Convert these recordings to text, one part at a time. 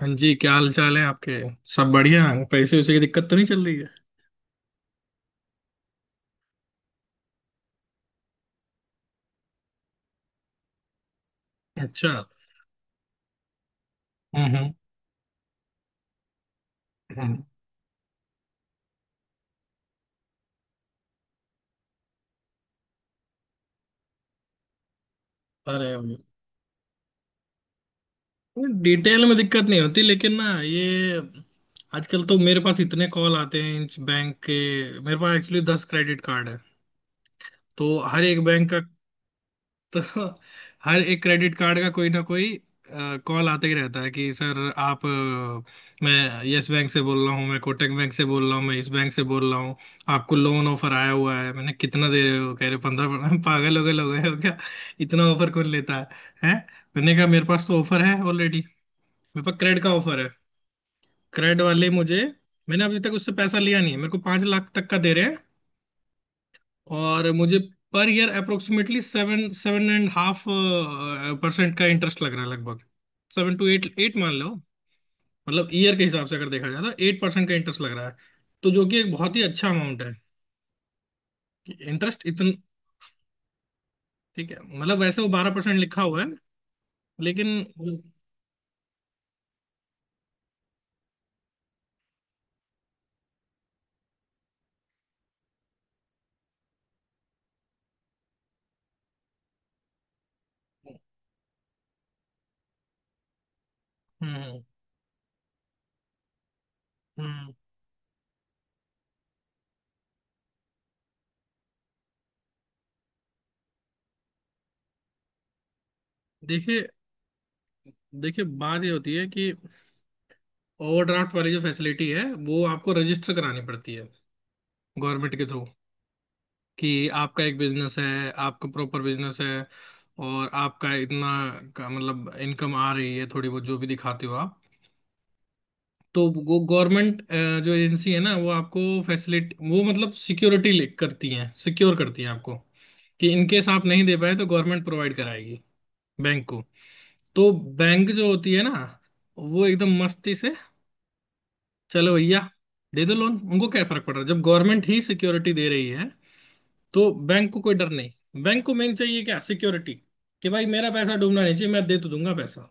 हाँ जी क्या हाल चाल है आपके। सब बढ़िया। पैसे वैसे की दिक्कत तो नहीं चल रही है। अच्छा। हम्म हम्म हम्म। अरे। डिटेल में दिक्कत नहीं होती लेकिन ना ये आजकल तो मेरे पास इतने कॉल आते हैं इस बैंक के। मेरे पास एक्चुअली 10 क्रेडिट कार्ड है। तो हर एक बैंक का। तो हर एक क्रेडिट कार्ड का कोई ना कोई कॉल आते ही रहता है कि सर आप मैं यस बैंक से बोल रहा हूँ मैं कोटक बैंक से बोल रहा हूँ मैं इस बैंक से बोल रहा हूँ। आपको लोन ऑफर आया हुआ है मैंने कितना दे रहे हो कह रहे 15 पागल हो गए लोग हो क्या। इतना ऑफर कौन लेता है। हैं। मैंने कहा मेरे पास तो ऑफर है ऑलरेडी। मेरे पास क्रेड का ऑफर है। क्रेड वाले मुझे। मैंने अभी तक उससे पैसा लिया नहीं है मेरे को 5 लाख तक का दे रहे हैं। और मुझे पर year approximately seven seven and half percent का इंटरेस्ट लग रहा है लगभग। सेवन टू एट एट मान लो। मतलब ईयर के हिसाब से अगर देखा जाए तो 8% का इंटरेस्ट लग रहा है। तो जो कि एक बहुत ही अच्छा अमाउंट है कि इंटरेस्ट इतना। ठीक है मतलब वैसे वो 12% लिखा हुआ है लेकिन। हम्म हम्म। देखिए। देखिए बात ये होती है कि ओवरड्राफ्ट वाली जो फैसिलिटी है वो आपको रजिस्टर करानी पड़ती है गवर्नमेंट के थ्रू कि आपका एक बिजनेस है आपका प्रॉपर बिजनेस है और आपका इतना का मतलब इनकम आ रही है थोड़ी बहुत जो भी दिखाते हो आप। तो वो गवर्नमेंट जो एजेंसी है ना वो आपको फैसिलिटी वो मतलब सिक्योरिटी करती है सिक्योर करती है आपको कि इन केस आप नहीं दे पाए तो गवर्नमेंट प्रोवाइड कराएगी बैंक को। तो बैंक जो होती है ना वो एकदम मस्ती से चलो भैया दे दो लोन उनको क्या फर्क पड़ रहा है जब गवर्नमेंट ही सिक्योरिटी दे रही है। तो बैंक को कोई डर नहीं बैंक को मेन चाहिए क्या सिक्योरिटी कि भाई मेरा पैसा डूबना नहीं चाहिए मैं दे तो दूंगा पैसा।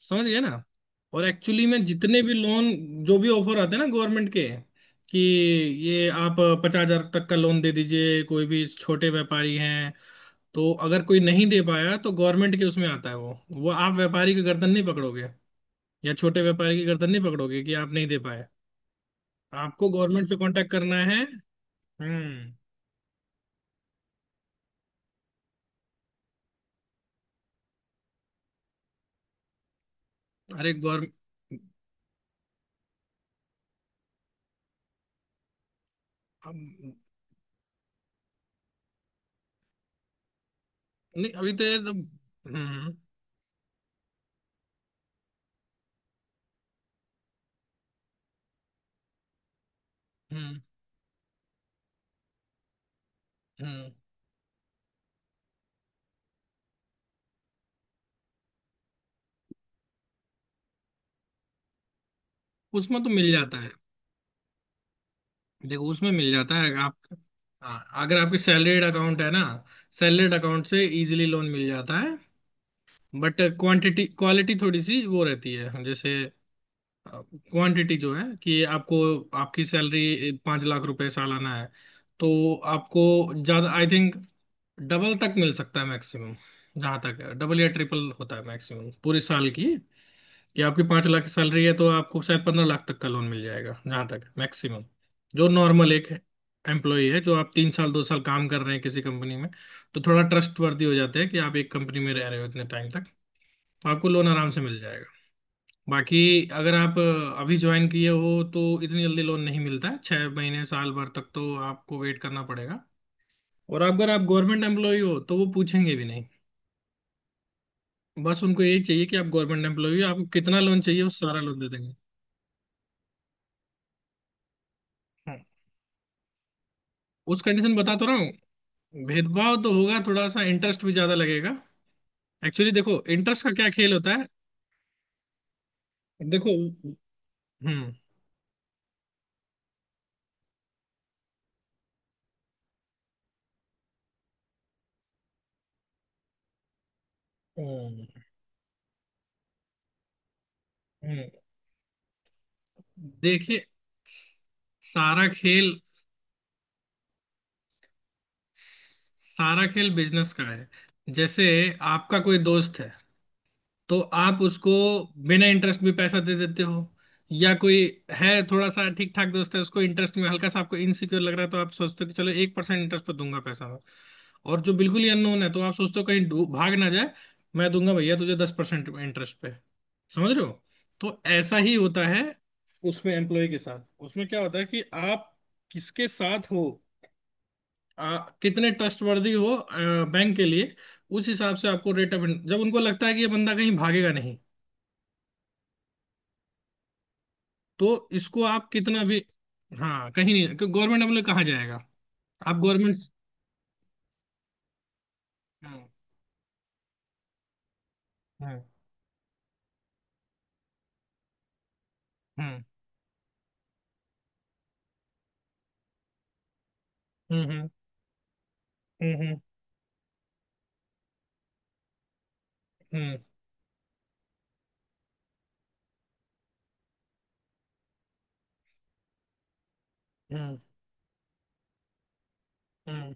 समझ गए ना। और एक्चुअली में जितने भी लोन जो भी ऑफर आते हैं ना गवर्नमेंट के कि ये आप 50,000 तक का लोन दे दीजिए कोई भी छोटे व्यापारी हैं। तो अगर कोई नहीं दे पाया तो गवर्नमेंट के उसमें आता है वो आप व्यापारी की गर्दन नहीं पकड़ोगे या छोटे व्यापारी की गर्दन नहीं पकड़ोगे कि आप नहीं दे पाए। आपको गवर्नमेंट से कांटेक्ट करना है। हम्म। अरे गवर्नमेंट। नहीं अभी तो ये तो। हम्म हम्म। उसमें तो मिल जाता है। देखो उसमें मिल जाता है आप। हाँ। अगर आपकी सैलरीड अकाउंट है ना सैलरीड अकाउंट से इजीली लोन मिल जाता है। बट क्वांटिटी क्वालिटी थोड़ी सी वो रहती है जैसे क्वांटिटी जो है कि आपको आपकी सैलरी 5 लाख रुपए सालाना है। तो आपको ज्यादा आई थिंक डबल तक मिल सकता है मैक्सिमम। जहां तक है डबल या ट्रिपल होता है मैक्सिमम पूरे साल की कि आपकी 5 लाख की सैलरी है तो आपको शायद 15 लाख तक का लोन मिल जाएगा जहां तक मैक्सिमम। जो नॉर्मल एक एम्प्लॉय है जो आप 3 साल 2 साल काम कर रहे हैं किसी कंपनी में तो थोड़ा ट्रस्ट वर्दी हो जाते हैं कि आप एक कंपनी में रह रहे हो इतने टाइम तक तो आपको लोन आराम से मिल जाएगा। बाकी अगर आप अभी ज्वाइन किए हो तो इतनी जल्दी लोन नहीं मिलता है 6 महीने साल भर तक तो आपको वेट करना पड़ेगा। और अगर आप गवर्नमेंट एम्प्लॉय हो तो वो पूछेंगे भी नहीं बस उनको यही चाहिए कि आप गवर्नमेंट एम्प्लॉय हो आपको कितना लोन चाहिए वो सारा लोन दे देंगे। हाँ। उस कंडीशन बता तो रहा हूँ। भेदभाव तो होगा थोड़ा सा इंटरेस्ट भी ज्यादा लगेगा। एक्चुअली देखो इंटरेस्ट का क्या खेल होता है। देखो। हम्म हम्म, हम्म। देखिए। सारा खेल सारा खेल बिजनेस का है। जैसे आपका कोई दोस्त है तो आप उसको बिना इंटरेस्ट भी पैसा दे देते हो। या कोई है थोड़ा सा ठीक ठाक दोस्त है उसको इंटरेस्ट में हल्का सा आपको इनसिक्योर लग रहा है तो आप सोचते हो कि चलो 1% इंटरेस्ट पर दूंगा पैसा मैं। और जो बिल्कुल ही अननोन है तो आप सोचते हो कहीं भाग ना जाए। मैं दूंगा भैया तुझे 10% इंटरेस्ट पे। समझ रहे हो। तो ऐसा ही होता है उसमें एम्प्लॉय के साथ उसमें क्या होता है कि आप किसके साथ हो आ, कितने ट्रस्टवर्दी हो बैंक के लिए उस हिसाब से आपको रेट ऑफ जब उनको लगता है कि ये बंदा कहीं भागेगा नहीं तो इसको आप कितना भी। हाँ कहीं नहीं गवर्नमेंट अप्लाई कहाँ जाएगा आप गवर्नमेंट। हम्म हम्म हम्म हम्म हम्म हम्म हम्म, हम्म।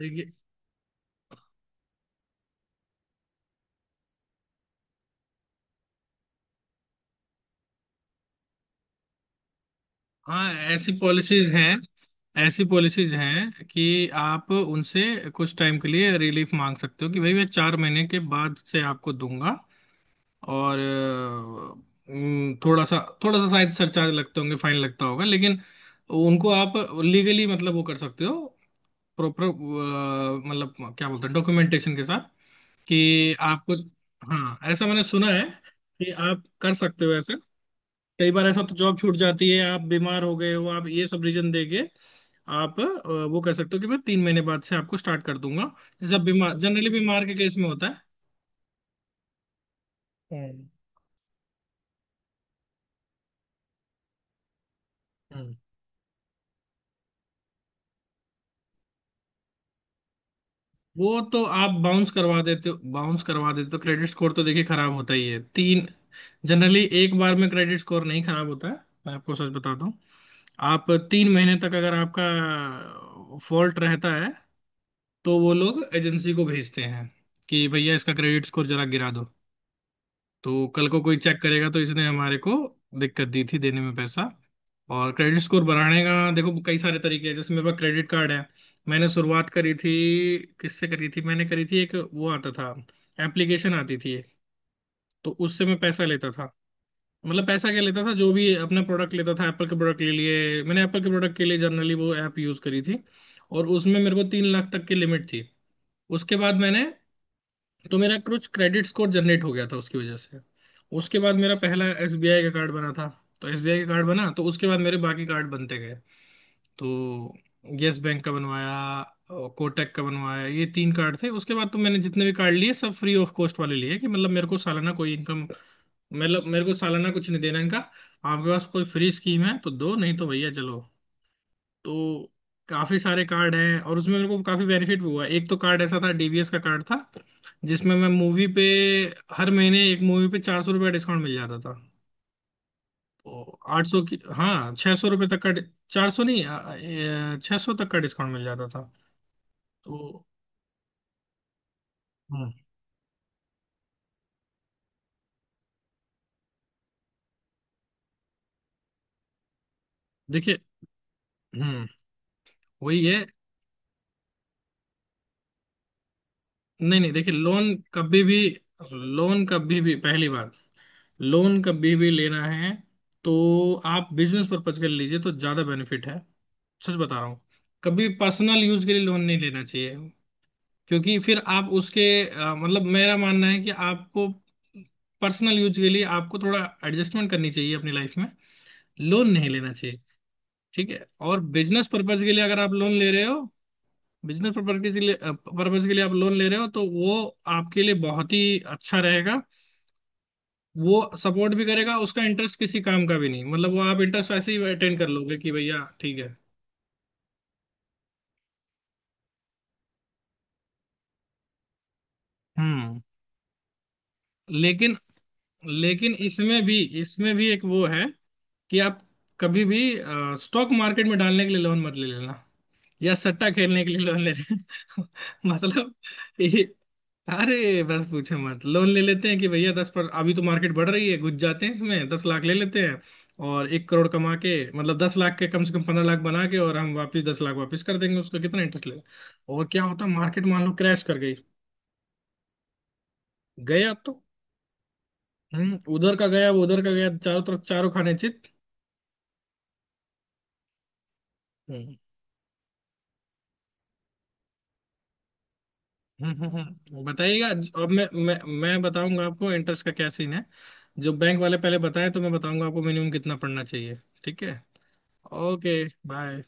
देखिए। हाँ ऐसी पॉलिसीज हैं कि आप उनसे कुछ टाइम के लिए रिलीफ मांग सकते हो कि भाई मैं 4 महीने के बाद से आपको दूंगा। और थोड़ा सा शायद सरचार्ज लगते होंगे फाइन लगता होगा लेकिन उनको आप लीगली मतलब वो कर सकते हो। प्रॉपर मतलब क्या बोलते हैं डॉक्यूमेंटेशन के साथ कि आपको। हाँ ऐसा मैंने सुना है कि आप कर सकते हो ऐसे। कई बार ऐसा तो जॉब छूट जाती है आप बीमार हो गए हो आप ये सब रीजन देके आप वो कह सकते हो कि मैं 3 महीने बाद से आपको स्टार्ट कर दूंगा। जब बीमार जनरली बीमार के केस में होता है। हम्म। वो तो आप बाउंस करवा देते हो बाउंस करवा देते हो तो क्रेडिट स्कोर तो देखिए खराब होता ही है तीन। जनरली एक बार में क्रेडिट स्कोर नहीं खराब होता है। मैं आपको सच बताता हूँ। आप 3 महीने तक अगर आपका फॉल्ट रहता है तो वो लोग एजेंसी को भेजते हैं कि भैया इसका क्रेडिट स्कोर जरा गिरा दो। तो कल को कोई चेक करेगा तो इसने हमारे को दिक्कत दी थी देने में पैसा। और क्रेडिट स्कोर बढ़ाने का देखो कई सारे तरीके हैं जैसे मेरे पास क्रेडिट कार्ड है। मैंने शुरुआत करी थी किससे करी थी मैंने करी थी एक वो आता था एप्लीकेशन आती थी एक। तो उससे मैं पैसा लेता था। मतलब पैसा क्या लेता था जो भी अपना प्रोडक्ट लेता था एप्पल के प्रोडक्ट के लिए मैंने एप्पल के प्रोडक्ट के लिए जनरली वो ऐप यूज करी थी। और उसमें मेरे को 3 लाख तक की लिमिट थी। उसके बाद मैंने तो मेरा कुछ क्रेडिट स्कोर जनरेट हो गया था उसकी वजह से। उसके बाद मेरा पहला एसबीआई का कार्ड बना था। तो एसबीआई का कार्ड बना तो उसके बाद मेरे बाकी कार्ड बनते गए। तो यस बैंक का बनवाया कोटक का बनवाया ये 3 कार्ड थे उसके बाद तो मैंने जितने भी कार्ड लिए सब फ्री ऑफ कॉस्ट वाले लिए कि मतलब मेरे को सालाना कोई इनकम मतलब मेरे को सालाना कुछ नहीं देना इनका आपके पास कोई फ्री स्कीम है तो दो नहीं तो भैया चलो। तो काफी सारे कार्ड हैं और उसमें मेरे को काफी बेनिफिट भी हुआ एक तो कार्ड ऐसा था डीबीएस का कार्ड था जिसमें मैं मूवी पे हर महीने एक मूवी पे ₹400 डिस्काउंट मिल जाता था। तो 800 की हाँ 600 रुपये तक का 400 नहीं 600 तक का डिस्काउंट मिल जाता था। तो। हम्म। देखिए। हम्म। वही है। नहीं नहीं देखिए लोन कभी भी पहली बात लोन कभी भी लेना है तो आप बिजनेस पर्पज के लिए लीजिए तो ज्यादा बेनिफिट है। सच बता रहा हूँ। कभी पर्सनल यूज के लिए लोन नहीं लेना चाहिए। क्योंकि फिर आप उसके मतलब मेरा मानना है कि आपको पर्सनल यूज के लिए आपको थोड़ा एडजस्टमेंट करनी चाहिए अपनी लाइफ में लोन नहीं लेना चाहिए। ठीक है और बिजनेस पर्पज के लिए अगर आप लोन ले रहे हो बिजनेस पर्पज के लिए आप लोन ले रहे हो तो वो आपके लिए बहुत ही अच्छा रहेगा। वो सपोर्ट भी करेगा उसका इंटरेस्ट किसी काम का भी नहीं मतलब वो आप इंटरेस्ट ऐसे ही अटेंड कर लोगे कि भैया ठीक है। हम्म। लेकिन लेकिन इसमें भी एक वो है कि आप कभी भी स्टॉक मार्केट में डालने के लिए लोन मत ले लेना या सट्टा खेलने के लिए लोन ले लेना मतलब। ये। अरे बस पूछे मत लोन ले लेते हैं कि भैया दस पर अभी तो मार्केट बढ़ रही है घुस जाते हैं इसमें 10 लाख ले लेते हैं। और 1 करोड़ कमा के मतलब 10 लाख के कम से कम 15 लाख बना के और हम वापस 10 लाख वापस कर देंगे उसका कितना इंटरेस्ट लेगा। और क्या होता मार्केट मान लो क्रैश कर गई गया तो उधर का गया वो उधर का गया चारों तरफ चारों खाने चित। हम्म। बताइएगा। अब मैं मैं बताऊंगा आपको इंटरेस्ट का क्या सीन है। जो बैंक वाले पहले बताएं तो मैं बताऊंगा आपको मिनिमम कितना पड़ना चाहिए। ठीक है। Okay bye.